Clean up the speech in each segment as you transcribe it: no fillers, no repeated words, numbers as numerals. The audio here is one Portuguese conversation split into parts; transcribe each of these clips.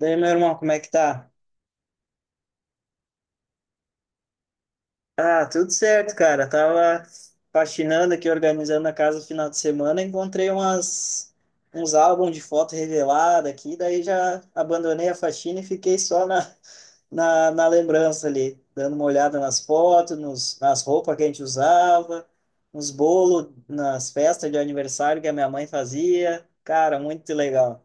Daí, meu irmão, como é que tá? Ah, tudo certo, cara. Tava faxinando aqui, organizando a casa no final de semana, encontrei umas uns álbuns de foto revelada aqui, daí já abandonei a faxina e fiquei só na lembrança ali, dando uma olhada nas fotos, nas roupas que a gente usava, nos bolos, nas festas de aniversário que a minha mãe fazia. Cara, muito legal.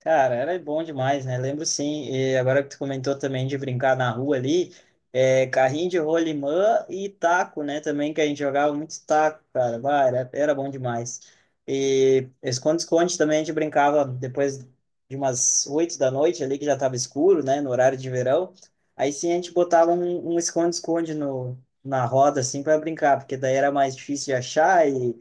Cara, era bom demais, né? Lembro sim. E agora que tu comentou também de brincar na rua ali, é, carrinho de rolimã e taco, né? Também que a gente jogava muito taco, cara. Bah, era bom demais. E esconde-esconde também a gente brincava depois de umas oito da noite ali, que já tava escuro, né? No horário de verão. Aí sim a gente botava um esconde-esconde no, na roda, assim, para brincar, porque daí era mais difícil de achar e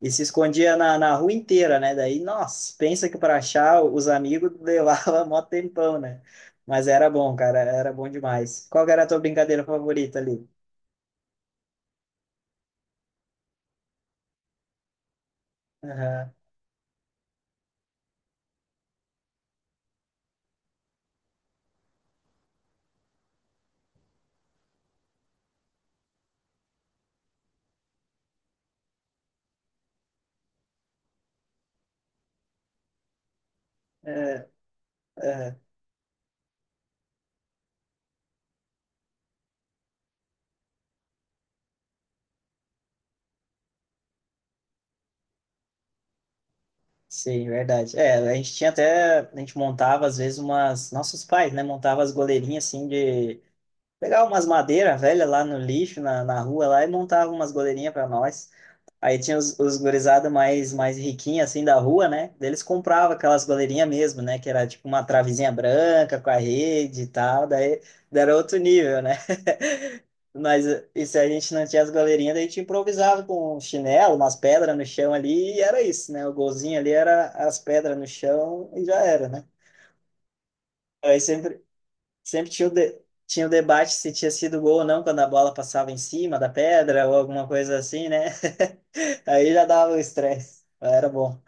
se escondia na rua inteira, né? Daí, nossa, pensa que para achar os amigos levava mó tempão, né? Mas era bom, cara, era bom demais. Qual que era a tua brincadeira favorita ali? Aham, é, é, sim, verdade. É, a gente tinha até, a gente montava às vezes umas, nossos pais, né? Montava as goleirinhas assim de, pegava umas madeiras velhas lá no lixo, na rua lá e montava umas goleirinhas para nós. Aí tinha os gurizada mais, mais riquinha, assim, da rua, né? Daí eles compravam aquelas goleirinhas mesmo, né? Que era tipo uma travezinha branca com a rede e tal. Daí era outro nível, né? Mas e se a gente não tinha as goleirinhas, daí a gente improvisava com um chinelo, umas pedras no chão ali, e era isso, né? O golzinho ali era as pedras no chão e já era, né? Aí sempre, sempre tinha tinha o debate se tinha sido gol ou não quando a bola passava em cima da pedra ou alguma coisa assim, né? Aí já dava o estresse. Era bom.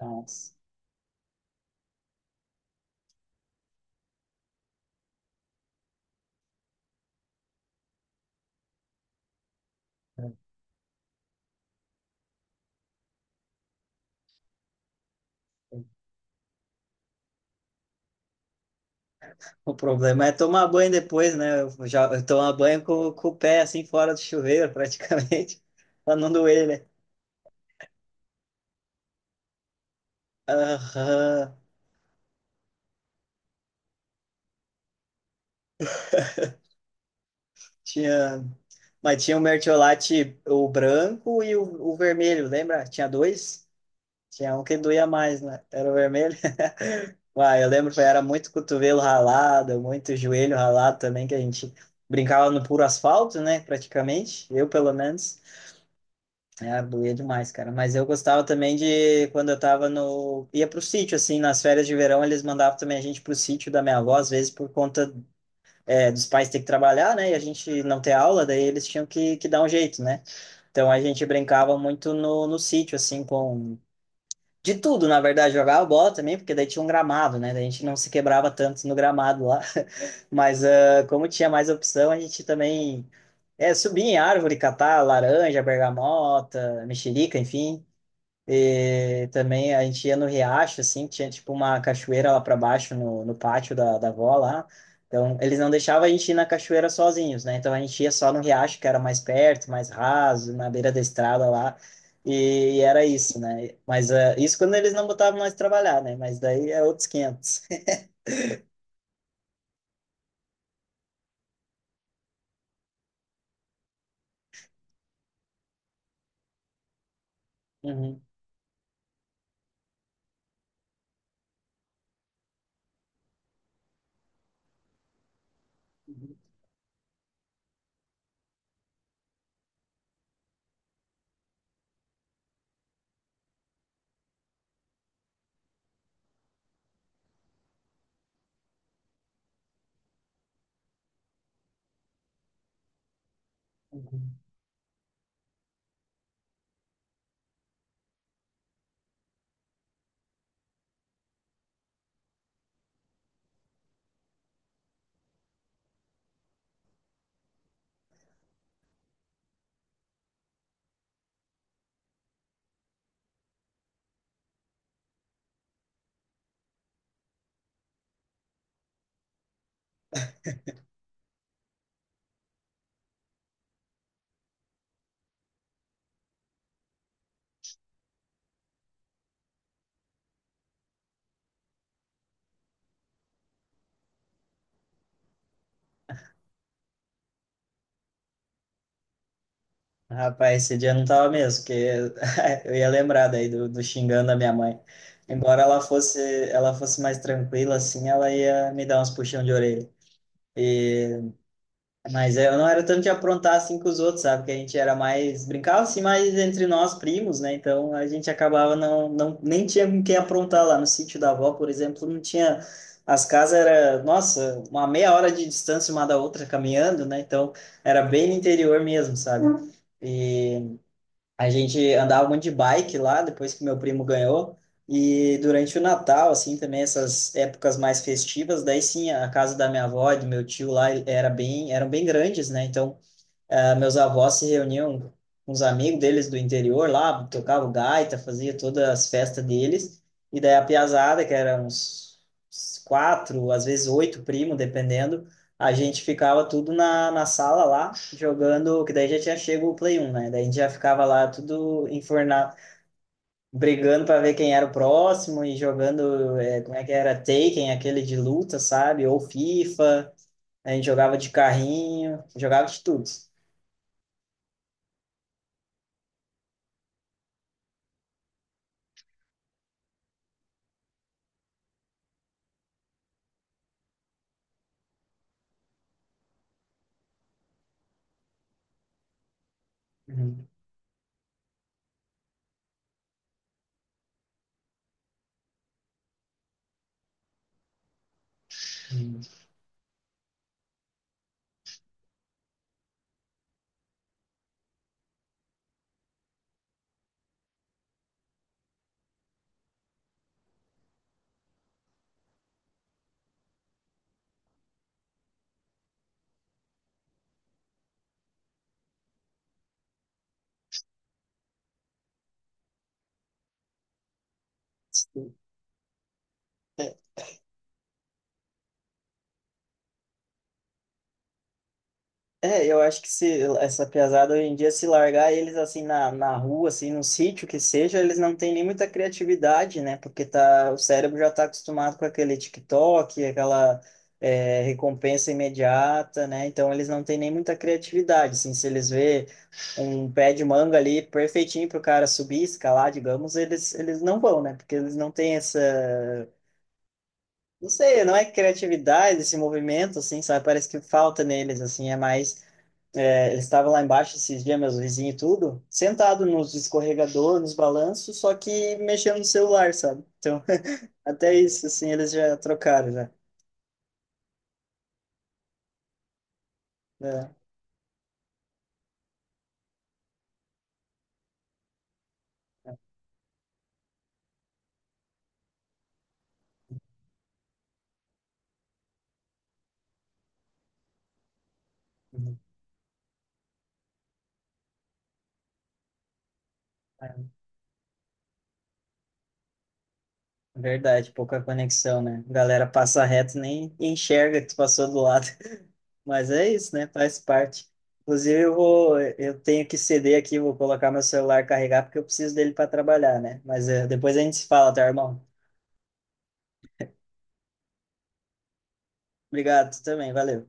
Nossa. O problema é tomar banho depois, né? Eu tomo banho com o pé assim fora do chuveiro, praticamente, pra não doer, né? Aham. Tinha, mas tinha o mertiolate, o branco e o vermelho, lembra? Tinha dois? Tinha um que doía mais, né? Era o vermelho. Uai, eu lembro que era muito cotovelo ralado, muito joelho ralado também, que a gente brincava no puro asfalto, né? Praticamente, eu pelo menos. É, Arbuia é demais, cara. Mas eu gostava também de quando eu tava no. ia pro sítio, assim, nas férias de verão, eles mandavam também a gente pro sítio da minha avó, às vezes por conta dos pais ter que trabalhar, né? E a gente não ter aula, daí eles tinham que dar um jeito, né? Então a gente brincava muito no sítio, assim, com. De tudo, na verdade, jogava bola também, porque daí tinha um gramado, né? Daí a gente não se quebrava tanto no gramado lá. Mas como tinha mais opção, a gente também. É, subir em árvore, catar laranja, bergamota, mexerica, enfim. E também a gente ia no riacho, assim, tinha tipo uma cachoeira lá para baixo no pátio da avó lá. Então, eles não deixavam a gente ir na cachoeira sozinhos, né? Então, a gente ia só no riacho, que era mais perto, mais raso, na beira da estrada lá. E, era isso, né? Mas isso quando eles não botavam nós trabalhar, né? Mas daí é outros quinhentos. Uhum. Rapaz, esse dia eu não tava mesmo, porque eu ia lembrar daí do xingando a minha mãe. Embora ela fosse, ela fosse mais tranquila, assim, ela ia me dar uns puxão de orelha. E, mas eu não era tanto de aprontar assim com os outros, sabe? Que a gente era mais, brincava assim mais entre nós primos, né? Então a gente acabava não nem tinha com quem aprontar lá no sítio da avó, por exemplo, não tinha, as casas era, nossa, uma meia hora de distância uma da outra caminhando, né? Então era bem no interior mesmo, sabe? E a gente andava muito de bike lá, depois que meu primo ganhou. E durante o Natal, assim, também essas épocas mais festivas, daí sim, a casa da minha avó e do meu tio lá, era bem, eram bem grandes, né? Então, ah, meus avós se reuniam com os amigos deles do interior lá, tocavam gaita, fazia todas as festas deles. E daí a piazada, que era uns quatro, às vezes oito primos, dependendo, a gente ficava tudo na sala lá, jogando, que daí já tinha chego o Play 1, né? Daí a gente já ficava lá tudo enfornado, brigando para ver quem era o próximo e jogando, como é que era, Taken, aquele de luta, sabe? Ou FIFA, a gente jogava de carrinho, jogava de tudo. Uhum. Sim. É, eu acho que se essa pesada hoje em dia, se largar eles assim na rua, assim, no sítio que seja, eles não têm nem muita criatividade, né? Porque tá, o cérebro já está acostumado com aquele TikTok, aquela recompensa imediata, né? Então eles não têm nem muita criatividade, assim, se eles vê um pé de manga ali perfeitinho para o cara subir, escalar, digamos, eles não vão, né? Porque eles não têm essa, não sei, não é criatividade esse movimento, assim, sabe? Parece que falta neles, assim, é mais. Ele estava lá embaixo esses dias, meus vizinhos e tudo, sentado nos escorregador, nos balanços, só que mexendo no celular, sabe? Então, até isso, assim, eles já trocaram, já. É. Uhum. É verdade, pouca conexão, né? A galera passa reto, nem enxerga que tu passou do lado. Mas é isso, né? Faz parte. Inclusive, eu tenho que ceder aqui, vou colocar meu celular carregar, porque eu preciso dele para trabalhar, né? Mas é, depois a gente se fala, tá, irmão? Obrigado, tu também, valeu.